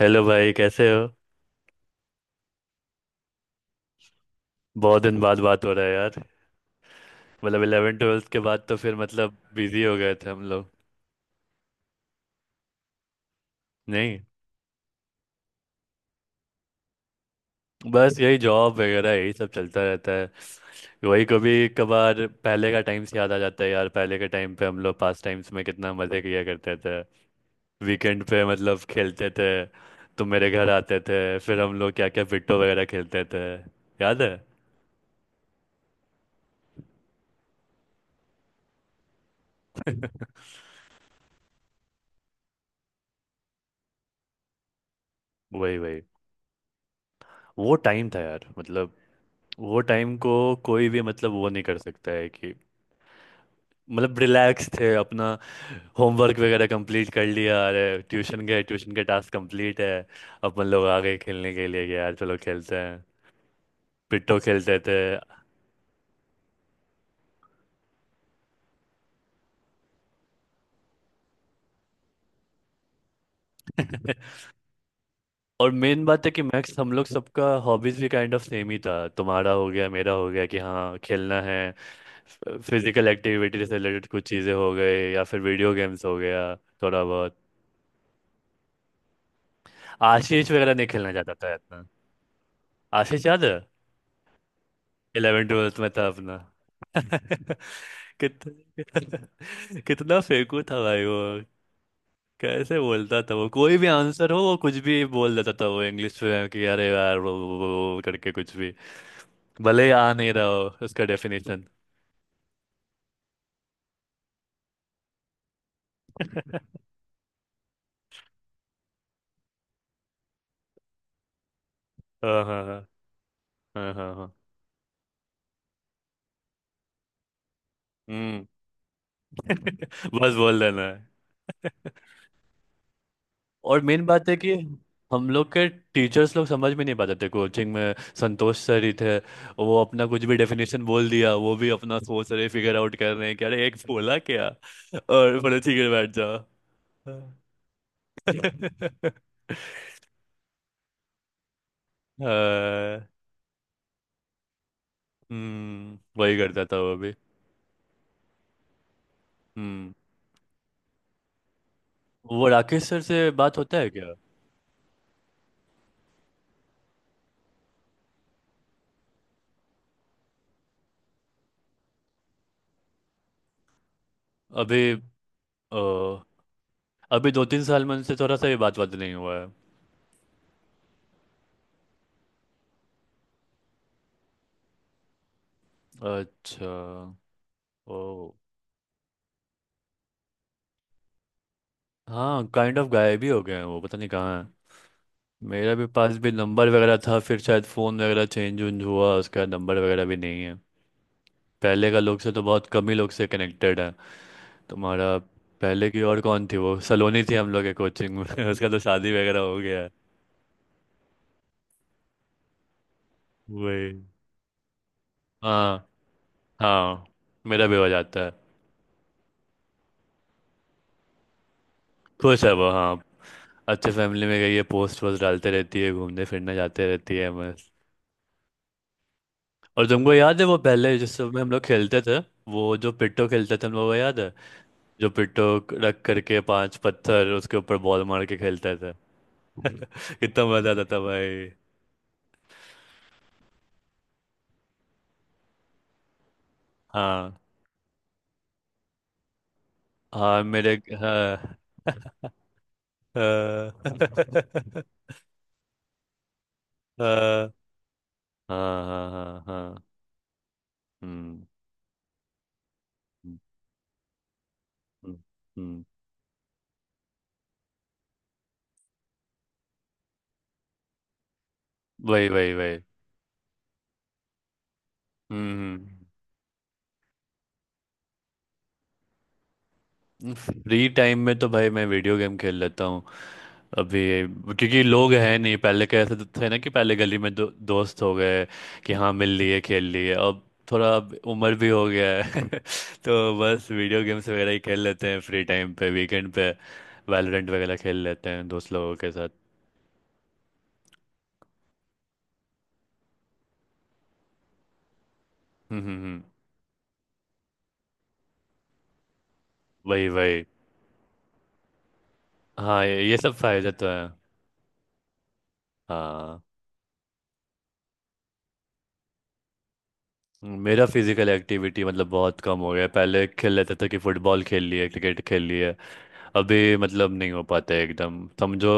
Hello भाई, कैसे हो? बहुत दिन बाद बात हो रहा है यार। मतलब इलेवन ट्वेल्थ के बाद तो फिर मतलब बिजी हो गए थे हम लोग। नहीं, बस यही जॉब वगैरह यही सब चलता रहता है। वही, कभी कभार पहले का टाइम्स याद आ जाता है यार। पहले के टाइम पे हम लोग पास टाइम्स में कितना मज़े किया करते थे। वीकेंड पे मतलब खेलते थे, तुम मेरे घर आते थे, फिर हम लोग क्या क्या पिट्टो वगैरह खेलते थे, याद है? वही वही, वो टाइम था यार, मतलब वो टाइम को कोई भी मतलब वो नहीं कर सकता है कि मतलब रिलैक्स थे अपना। होमवर्क वगैरह कंप्लीट कर लिया, अरे ट्यूशन गए, ट्यूशन के टास्क कंप्लीट है, अपन लोग आ गए खेलने के लिए कि यार चलो खेलते हैं, पिट्टो खेलते थे। और मेन बात है कि मैक्स हम लोग सबका हॉबीज भी काइंड ऑफ सेम ही था। तुम्हारा हो गया, मेरा हो गया कि हाँ खेलना है, फिजिकल एक्टिविटी से रिलेटेड कुछ चीज़ें हो गई या फिर वीडियो गेम्स हो गया थोड़ा बहुत। आशीष वगैरह नहीं खेलना चाहता था इतना। आशीष याद है? इलेवन ट्वेल्थ में था अपना। कितना कितना फेंकू था भाई वो। कैसे बोलता था, वो कोई भी आंसर हो वो कुछ भी बोल देता था, वो इंग्लिश में कि अरे यार वो करके कुछ भी, भले ही आ नहीं रहा हो उसका डेफिनेशन। हाँ हाँ हाँ, हाँ हाँ हाँ। हम्म। बस बोल देना। और मेन बात है कि हम लोग के टीचर्स लोग समझ में नहीं पाते थे कोचिंग में। संतोष सर ही थे, वो अपना कुछ भी डेफिनेशन बोल दिया, वो भी अपना सोच रहे, फिगर आउट कर रहे हैं कि अरे एक बोला क्या, और बोले ठीक है बैठ जाओ। अ, हम्म, वही करता था वो भी। हम्म। वो राकेश सर से बात होता है क्या? अभी अ, अभी 2 3 साल में उनसे थोड़ा सा भी बात बात नहीं हुआ है। अच्छा, ओ। हाँ, काइंड ऑफ गायब ही हो गए हैं वो, पता नहीं कहाँ। मेरा भी पास भी नंबर वगैरह था, फिर शायद फ़ोन वगैरह चेंज उंज हुआ, उसका नंबर वगैरह भी नहीं है। पहले का लोग से तो बहुत कम ही लोग से कनेक्टेड है। तुम्हारा। पहले की और कौन थी, वो सलोनी थी हम लोग के कोचिंग में। उसका तो शादी वगैरह हो गया है। वही, हाँ हाँ, मेरा भी हो जाता है। खुश है वो, हाँ। अच्छे फैमिली में गई है, पोस्ट वोस्ट डालते रहती है, घूमने फिरने जाते रहती है, बस। और तुमको याद है वो पहले जिस समय हम लोग खेलते थे, वो जो पिट्टो खेलते थे हम लोग को याद है? जो पिट्ठो रख करके पांच पत्थर उसके ऊपर बॉल मार के खेलता था। कितना मजा आता था भाई। हाँ हाँ मेरे, हाँ हाँ। हाँ हाँ हाँ हाँ। हम्म हम्म हम्म, हम्म, वही वही वही। हम्म हम्म। फ्री टाइम में तो भाई मैं वीडियो गेम खेल लेता हूँ अभी, क्योंकि लोग हैं नहीं पहले के ऐसे। तो थे ना कि पहले गली में दो, दोस्त हो गए कि हाँ मिल लिए, खेल लिए। अब थोड़ा अब उम्र भी हो गया है। तो बस वीडियो गेम्स वगैरह ही खेल लेते हैं फ्री टाइम पे, वीकेंड पे। वैलोरेंट वगैरह खेल लेते हैं दोस्त लोगों के साथ। हम्म हम्म हम्म, वही वही। हाँ ये सब फायदे तो है, हाँ। मेरा फिजिकल एक्टिविटी मतलब बहुत कम हो गया है। पहले खेल लेते थे कि फुटबॉल खेल लिए, क्रिकेट खेल लिए। अभी मतलब नहीं हो पाता है एकदम, समझो।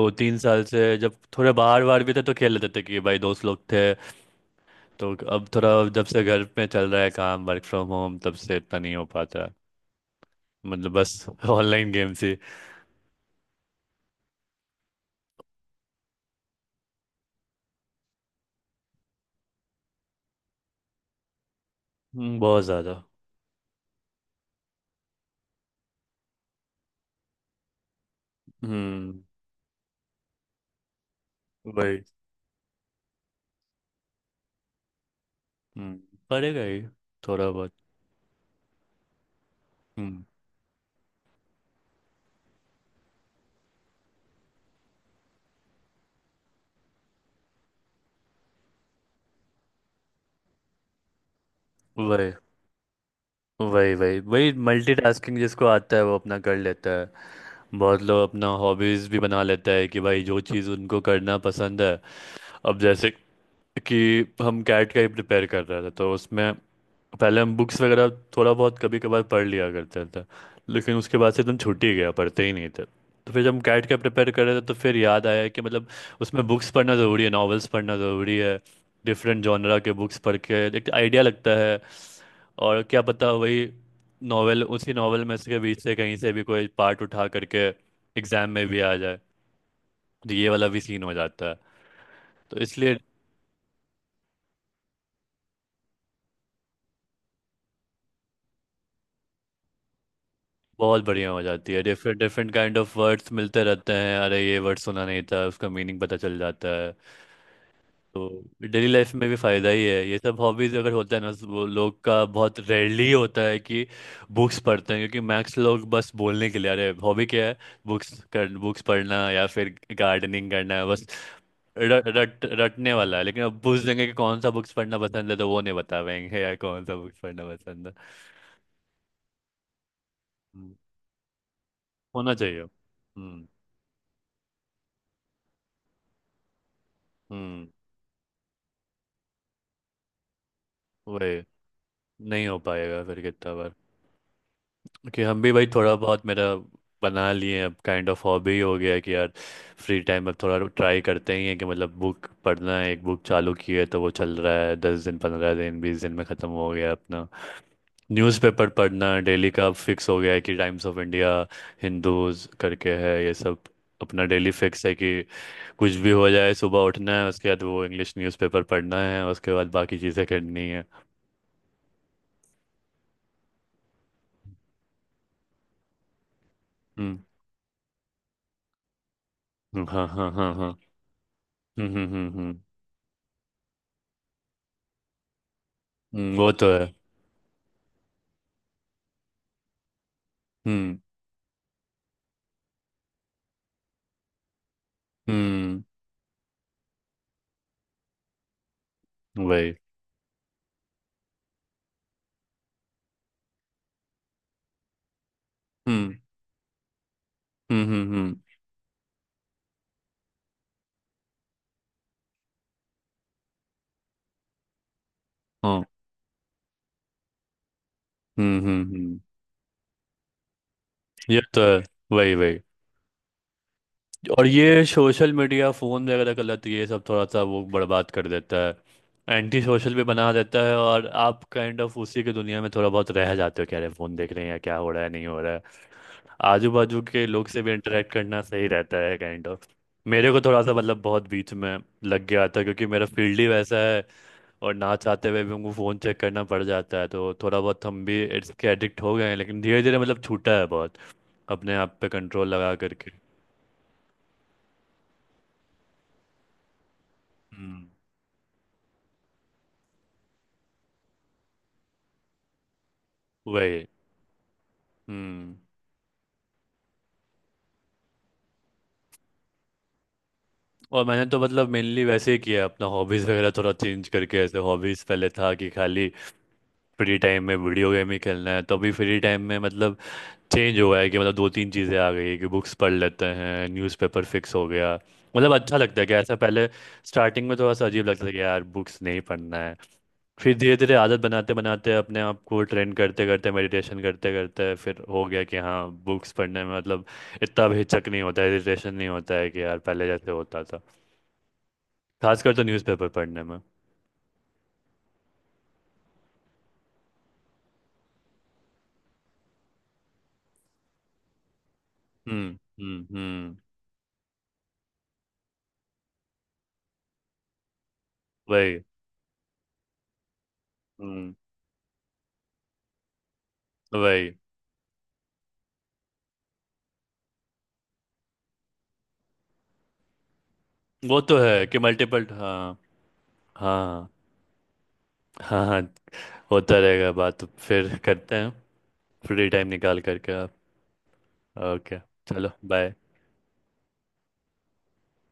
2 3 साल से जब थोड़े बाहर वार भी थे तो खेल लेते थे कि भाई दोस्त लोग थे, तो अब थोड़ा। जब से घर पे चल रहा है काम, वर्क फ्रॉम होम, तब से इतना नहीं हो पाता है। मतलब बस ऑनलाइन गेम्स ही। बहुत ज़्यादा। हम्म, वही, हम्म, पड़ेगा ही। थोड़ा बहुत। हम्म, वही वही वही। वही मल्टीटास्किंग जिसको आता है वो अपना कर लेता है। बहुत लोग अपना हॉबीज़ भी बना लेता है कि भाई जो चीज़ उनको करना पसंद है। अब जैसे कि हम कैट का ही प्रिपेयर कर रहे थे तो उसमें पहले हम बुक्स वगैरह थोड़ा बहुत कभी कभार पढ़ लिया करते थे, लेकिन उसके बाद से एकदम छूट ही गया, पढ़ते ही नहीं थे। तो फिर जब हम कैट का प्रिपेयर कर रहे थे तो फिर याद आया कि मतलब उसमें बुक्स पढ़ना ज़रूरी है, नॉवेल्स पढ़ना ज़रूरी है, डिफरेंट जॉनरा के बुक्स पढ़ के एक आइडिया लगता है। और क्या पता वही नॉवेल, उसी नॉवेल में से, के बीच से कहीं से भी कोई पार्ट उठा करके एग्जाम में भी आ जाए, तो ये वाला भी सीन हो जाता है। तो इसलिए बहुत बढ़िया हो जाती है, different different kind of words मिलते रहते हैं, अरे ये वर्ड सुना नहीं था, उसका मीनिंग पता चल जाता है। तो डेली लाइफ में भी फ़ायदा ही है ये सब हॉबीज़ अगर होता है ना। वो लोग का बहुत रेयरली होता है कि बुक्स पढ़ते हैं, क्योंकि मैक्स लोग बस बोलने के लिए, अरे हॉबी क्या है, बुक्स कर, बुक्स पढ़ना या फिर गार्डनिंग करना है, बस रट रटने वाला है। लेकिन अब पूछ देंगे कि कौन सा बुक्स पढ़ना पसंद है तो वो नहीं बता पाएंगे यार, कौन सा बुक्स पढ़ना पसंद है। हम्म, होना चाहिए। हम्म, वही, नहीं हो पाएगा फिर कितना बार। क्योंकि हम भी भाई थोड़ा बहुत मेरा बना लिए हैं, अब काइंड ऑफ हॉबी हो गया है कि यार फ्री टाइम में थोड़ा ट्राई करते ही हैं कि मतलब बुक पढ़ना है। एक बुक चालू की है तो वो चल रहा है, 10 दिन 15 दिन 20 दिन में ख़त्म हो गया अपना। न्यूज़पेपर पढ़ना डेली का अब फिक्स हो गया है कि टाइम्स ऑफ इंडिया, हिंदूज करके है ये सब, अपना डेली फिक्स है कि कुछ भी हो जाए सुबह उठना है, उसके बाद वो इंग्लिश न्यूज़पेपर पढ़ना है, उसके बाद बाकी चीज़ें करनी है। हम्म, हाँ हाँ हाँ हाँ। हम्म हम्म हम्म हम्म। हम्म, वो तो है। हम्म हम्म, वही, हम्म हम्म, हाँ, हम्म। ये तो है, वही वही। और ये सोशल मीडिया फोन वगैरह का लत ये सब थोड़ा सा वो बर्बाद कर देता है, एंटी सोशल भी बना देता है, और आप काइंड ऑफ उसी की दुनिया में थोड़ा बहुत रह जाते हो, क्या रहे, फोन देख रहे हैं क्या हो रहा है नहीं हो रहा है। आजू बाजू के लोग से भी इंटरेक्ट करना सही रहता है काइंड ऑफ। मेरे को थोड़ा सा मतलब बहुत बीच में लग गया था, क्योंकि मेरा फील्ड ही वैसा है, और ना चाहते हुए भी हमको फ़ोन चेक करना पड़ जाता है, तो थोड़ा बहुत हम भी इसके एडिक्ट हो गए हैं। लेकिन धीरे धीरे मतलब छूटा है बहुत, अपने आप पे कंट्रोल लगा करके। हम्म, वही, हम्म। और मैंने तो मतलब मेनली वैसे ही किया, अपना हॉबीज़ वगैरह थोड़ा चेंज करके। ऐसे हॉबीज़ पहले था कि खाली फ्री टाइम में वीडियो गेम ही खेलना है, तो अभी फ्री टाइम में मतलब चेंज हुआ है कि मतलब 2 3 चीज़ें आ गई है कि बुक्स पढ़ लेते हैं, न्यूज़पेपर फिक्स हो गया, मतलब अच्छा लगता है कि ऐसा। पहले स्टार्टिंग में थोड़ा सा अजीब लगता था कि यार बुक्स नहीं पढ़ना है, फिर धीरे धीरे आदत बनाते बनाते, अपने आप को ट्रेन करते करते, मेडिटेशन करते करते फिर हो गया कि हाँ बुक्स पढ़ने में मतलब इतना भी हिचक नहीं होता, इरिटेशन नहीं होता है कि यार पहले जैसे होता था, खासकर तो न्यूज़पेपर पढ़ने में। हम्म हम्म, वही, हम्म, वही। वो तो है कि मल्टीपल, हाँ। हाँ हाँ हाँ, होता रहेगा, बात तो फिर करते हैं फ्री टाइम निकाल करके आप, ओके। चलो बाय।